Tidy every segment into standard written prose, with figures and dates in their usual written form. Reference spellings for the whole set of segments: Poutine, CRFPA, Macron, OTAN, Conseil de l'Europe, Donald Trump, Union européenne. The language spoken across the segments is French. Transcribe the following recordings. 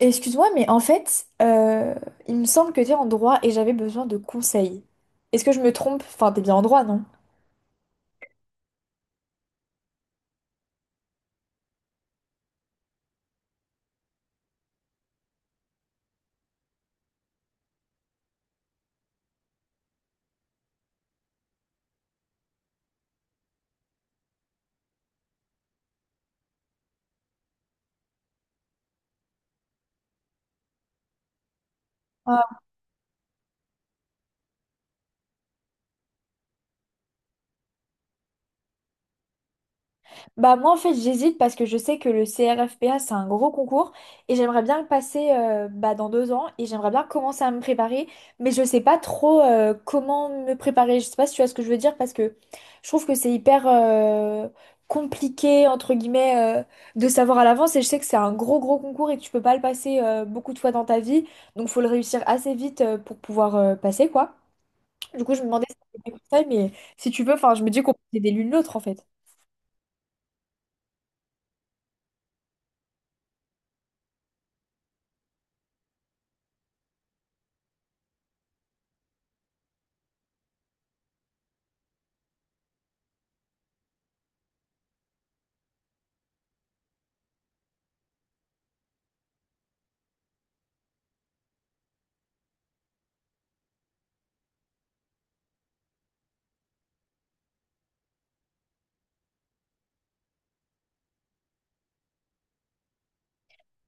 Excuse-moi, mais en fait, il me semble que tu es en droit et j'avais besoin de conseils. Est-ce que je me trompe? Enfin, t'es bien en droit, non? Bah moi en fait j'hésite parce que je sais que le CRFPA c'est un gros concours et j'aimerais bien le passer bah, dans 2 ans et j'aimerais bien commencer à me préparer, mais je sais pas trop comment me préparer. Je sais pas si tu vois ce que je veux dire, parce que je trouve que c'est hyper compliqué entre guillemets, de savoir à l'avance, et je sais que c'est un gros gros concours et que tu peux pas le passer beaucoup de fois dans ta vie, donc faut le réussir assez vite pour pouvoir passer quoi. Du coup, je me demandais si t'avais des conseils, mais si tu veux, enfin, je me dis qu'on peut aider l'une l'autre en fait.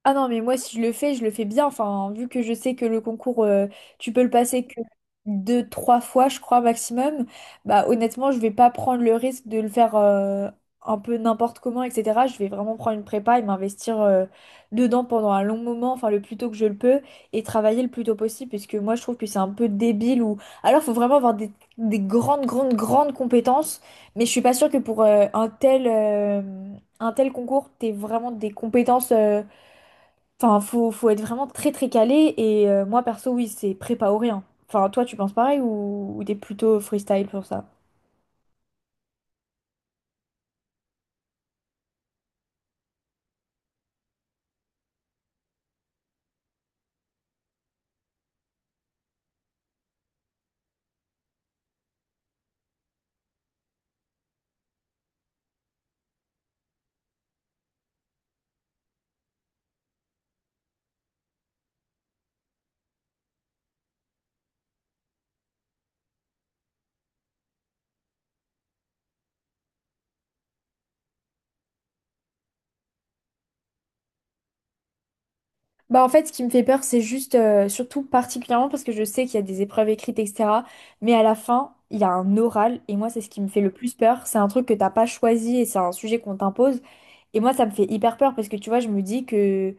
Ah non, mais moi, si je le fais, je le fais bien. Enfin, vu que je sais que le concours, tu peux le passer que 2, 3 fois, je crois, maximum, bah honnêtement, je vais pas prendre le risque de le faire un peu n'importe comment, etc. Je vais vraiment prendre une prépa et m'investir dedans pendant un long moment, enfin le plus tôt que je le peux, et travailler le plus tôt possible, puisque moi, je trouve que c'est un peu débile ou... Alors, faut vraiment avoir des grandes, grandes, grandes compétences, mais je suis pas sûre que pour un tel... un tel concours, t'aies vraiment des compétences enfin, faut être vraiment très très calé, et moi perso, oui, c'est prépa ou rien. Enfin, toi, tu penses pareil, ou t'es plutôt freestyle pour ça? Bah en fait, ce qui me fait peur, c'est juste, surtout particulièrement parce que je sais qu'il y a des épreuves écrites, etc. Mais à la fin, il y a un oral et moi, c'est ce qui me fait le plus peur. C'est un truc que t'as pas choisi et c'est un sujet qu'on t'impose. Et moi, ça me fait hyper peur parce que tu vois, je me dis que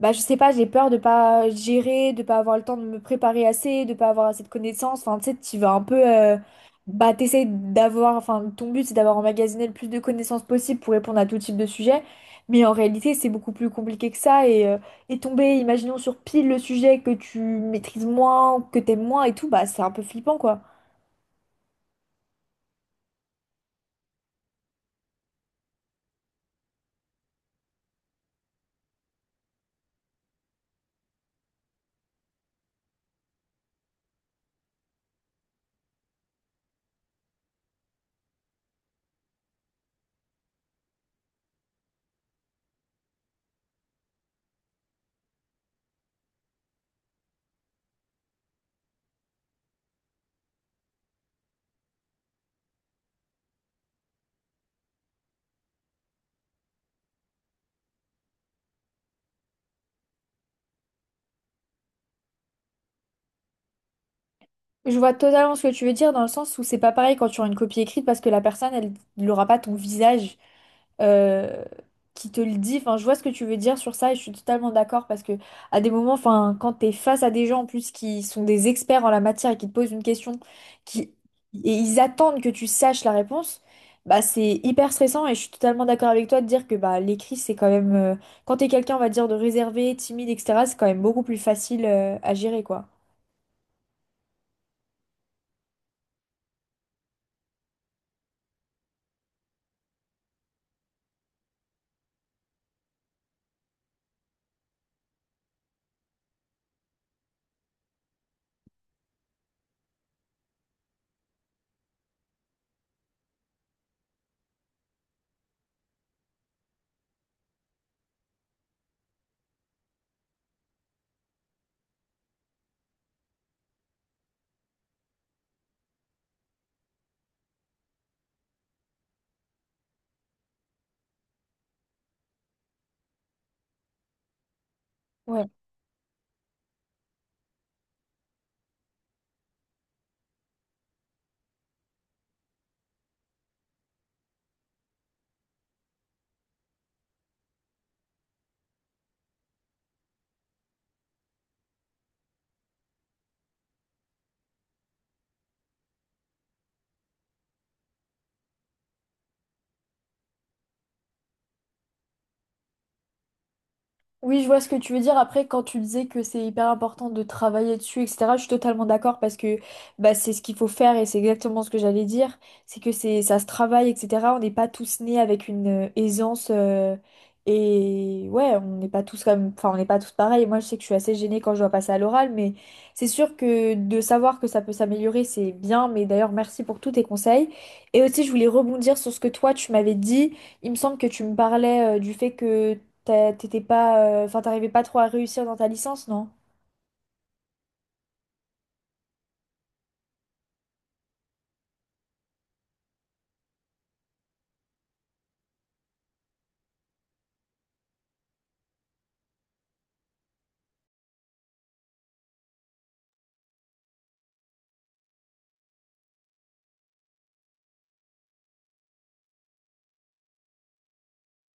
bah, je sais pas, j'ai peur de pas gérer, de pas avoir le temps de me préparer assez, de pas avoir assez de connaissances. Enfin, tu sais, tu vas un peu. Bah, t'essayes d'avoir. Enfin, ton but, c'est d'avoir emmagasiné le plus de connaissances possible pour répondre à tout type de sujet. Mais en réalité, c'est beaucoup plus compliqué que ça. Et tomber, imaginons, sur pile le sujet que tu maîtrises moins, que t'aimes moins et tout, bah, c'est un peu flippant, quoi. Je vois totalement ce que tu veux dire dans le sens où c'est pas pareil quand tu as une copie écrite, parce que la personne, elle n'aura pas ton visage. euh, qui te le dit. Enfin, je vois ce que tu veux dire sur ça et je suis totalement d'accord, parce que à des moments, enfin, quand t'es face à des gens en plus qui sont des experts en la matière et qui te posent une question qui et ils attendent que tu saches la réponse, bah c'est hyper stressant et je suis totalement d'accord avec toi de dire que bah l'écrit c'est quand même quand t'es quelqu'un on va dire de réservé, timide, etc. c'est quand même beaucoup plus facile à gérer quoi. Ouais. Oui, je vois ce que tu veux dire. Après, quand tu disais que c'est hyper important de travailler dessus, etc., je suis totalement d'accord parce que bah, c'est ce qu'il faut faire et c'est exactement ce que j'allais dire. C'est que c'est ça se travaille, etc. On n'est pas tous nés avec une aisance, et ouais, on n'est pas tous comme, enfin, on n'est pas tous pareils. Moi, je sais que je suis assez gênée quand je dois passer à l'oral, mais c'est sûr que de savoir que ça peut s'améliorer, c'est bien. Mais d'ailleurs, merci pour tous tes conseils. Et aussi, je voulais rebondir sur ce que toi, tu m'avais dit. Il me semble que tu me parlais du fait que t'étais pas, enfin, t'arrivais pas trop à réussir dans ta licence, non?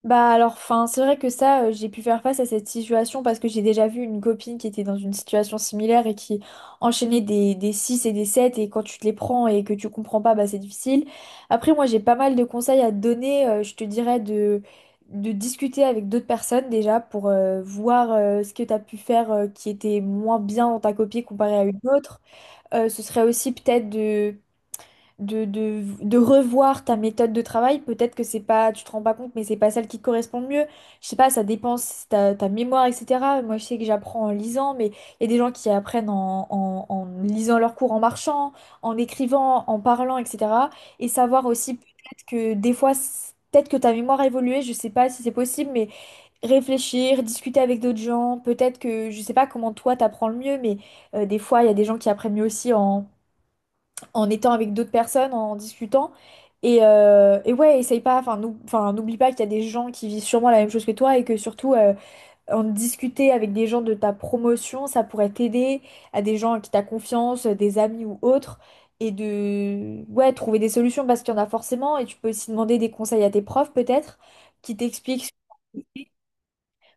Bah alors, enfin, c'est vrai que ça, j'ai pu faire face à cette situation parce que j'ai déjà vu une copine qui était dans une situation similaire et qui enchaînait des 6 et des 7, et quand tu te les prends et que tu comprends pas, bah c'est difficile. Après, moi, j'ai pas mal de conseils à te donner. Je te dirais de discuter avec d'autres personnes déjà pour voir ce que t'as pu faire qui était moins bien dans ta copie comparé à une autre. Ce serait aussi peut-être de de revoir ta méthode de travail. Peut-être que c'est pas, tu te rends pas compte, mais c'est pas celle qui te correspond le mieux. Je sais pas, ça dépend si ta, ta mémoire, etc. Moi, je sais que j'apprends en lisant, mais il y a des gens qui apprennent en lisant leurs cours, en marchant, en écrivant, en parlant, etc. Et savoir aussi peut-être que des fois, peut-être que ta mémoire a évolué, je sais pas si c'est possible, mais réfléchir, discuter avec d'autres gens, peut-être que, je sais pas comment toi t'apprends le mieux, mais des fois, il y a des gens qui apprennent mieux aussi en étant avec d'autres personnes, en discutant. Et ouais, essaye pas, enfin, enfin, n'oublie pas qu'il y a des gens qui vivent sûrement la même chose que toi et que surtout, en discuter avec des gens de ta promotion, ça pourrait t'aider, à des gens à qui t'as confiance, des amis ou autres, et de, ouais, trouver des solutions parce qu'il y en a forcément, et tu peux aussi demander des conseils à tes profs peut-être, qui t'expliquent,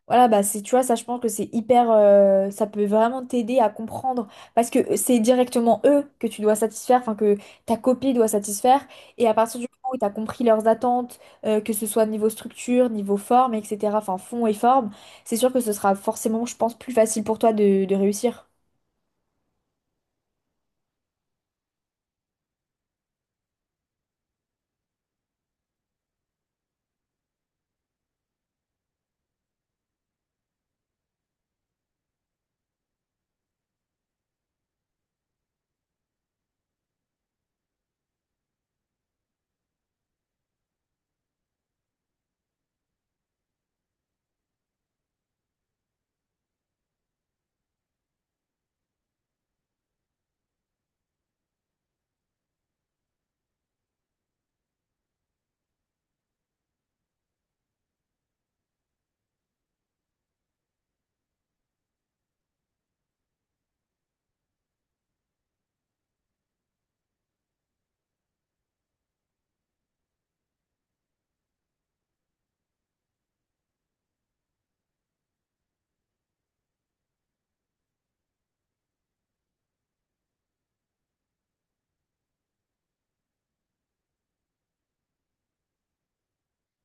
voilà, bah c'est, tu vois, ça, je pense que c'est hyper, ça peut vraiment t'aider à comprendre parce que c'est directement eux que tu dois satisfaire, enfin que ta copie doit satisfaire. Et à partir du moment où tu as compris leurs attentes, que ce soit niveau structure, niveau forme, etc., enfin fond et forme, c'est sûr que ce sera forcément, je pense, plus facile pour toi de réussir.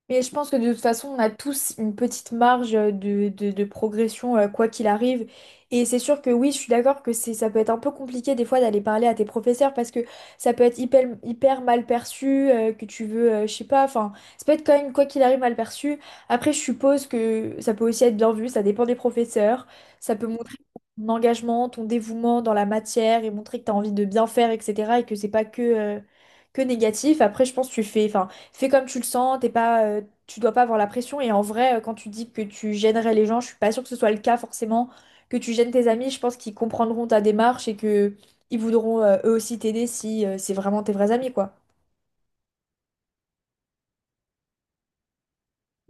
Mais je pense que de toute façon, on a tous une petite marge de, de progression, quoi qu'il arrive. Et c'est sûr que oui, je suis d'accord que c'est, ça peut être un peu compliqué des fois d'aller parler à tes professeurs parce que ça peut être hyper, hyper mal perçu, que tu veux, je sais pas, enfin, ça peut être quand même, quoi qu'il arrive, mal perçu. Après, je suppose que ça peut aussi être bien vu, ça dépend des professeurs. Ça peut montrer ton engagement, ton dévouement dans la matière et montrer que tu as envie de bien faire, etc. et que c'est pas que, que négatif. Après, je pense que tu fais. Enfin, fais comme tu le sens, t'es pas, tu dois pas avoir la pression. Et en vrai, quand tu dis que tu gênerais les gens, je suis pas sûre que ce soit le cas forcément, que tu gênes tes amis, je pense qu'ils comprendront ta démarche et que ils voudront eux aussi t'aider si c'est vraiment tes vrais amis, quoi.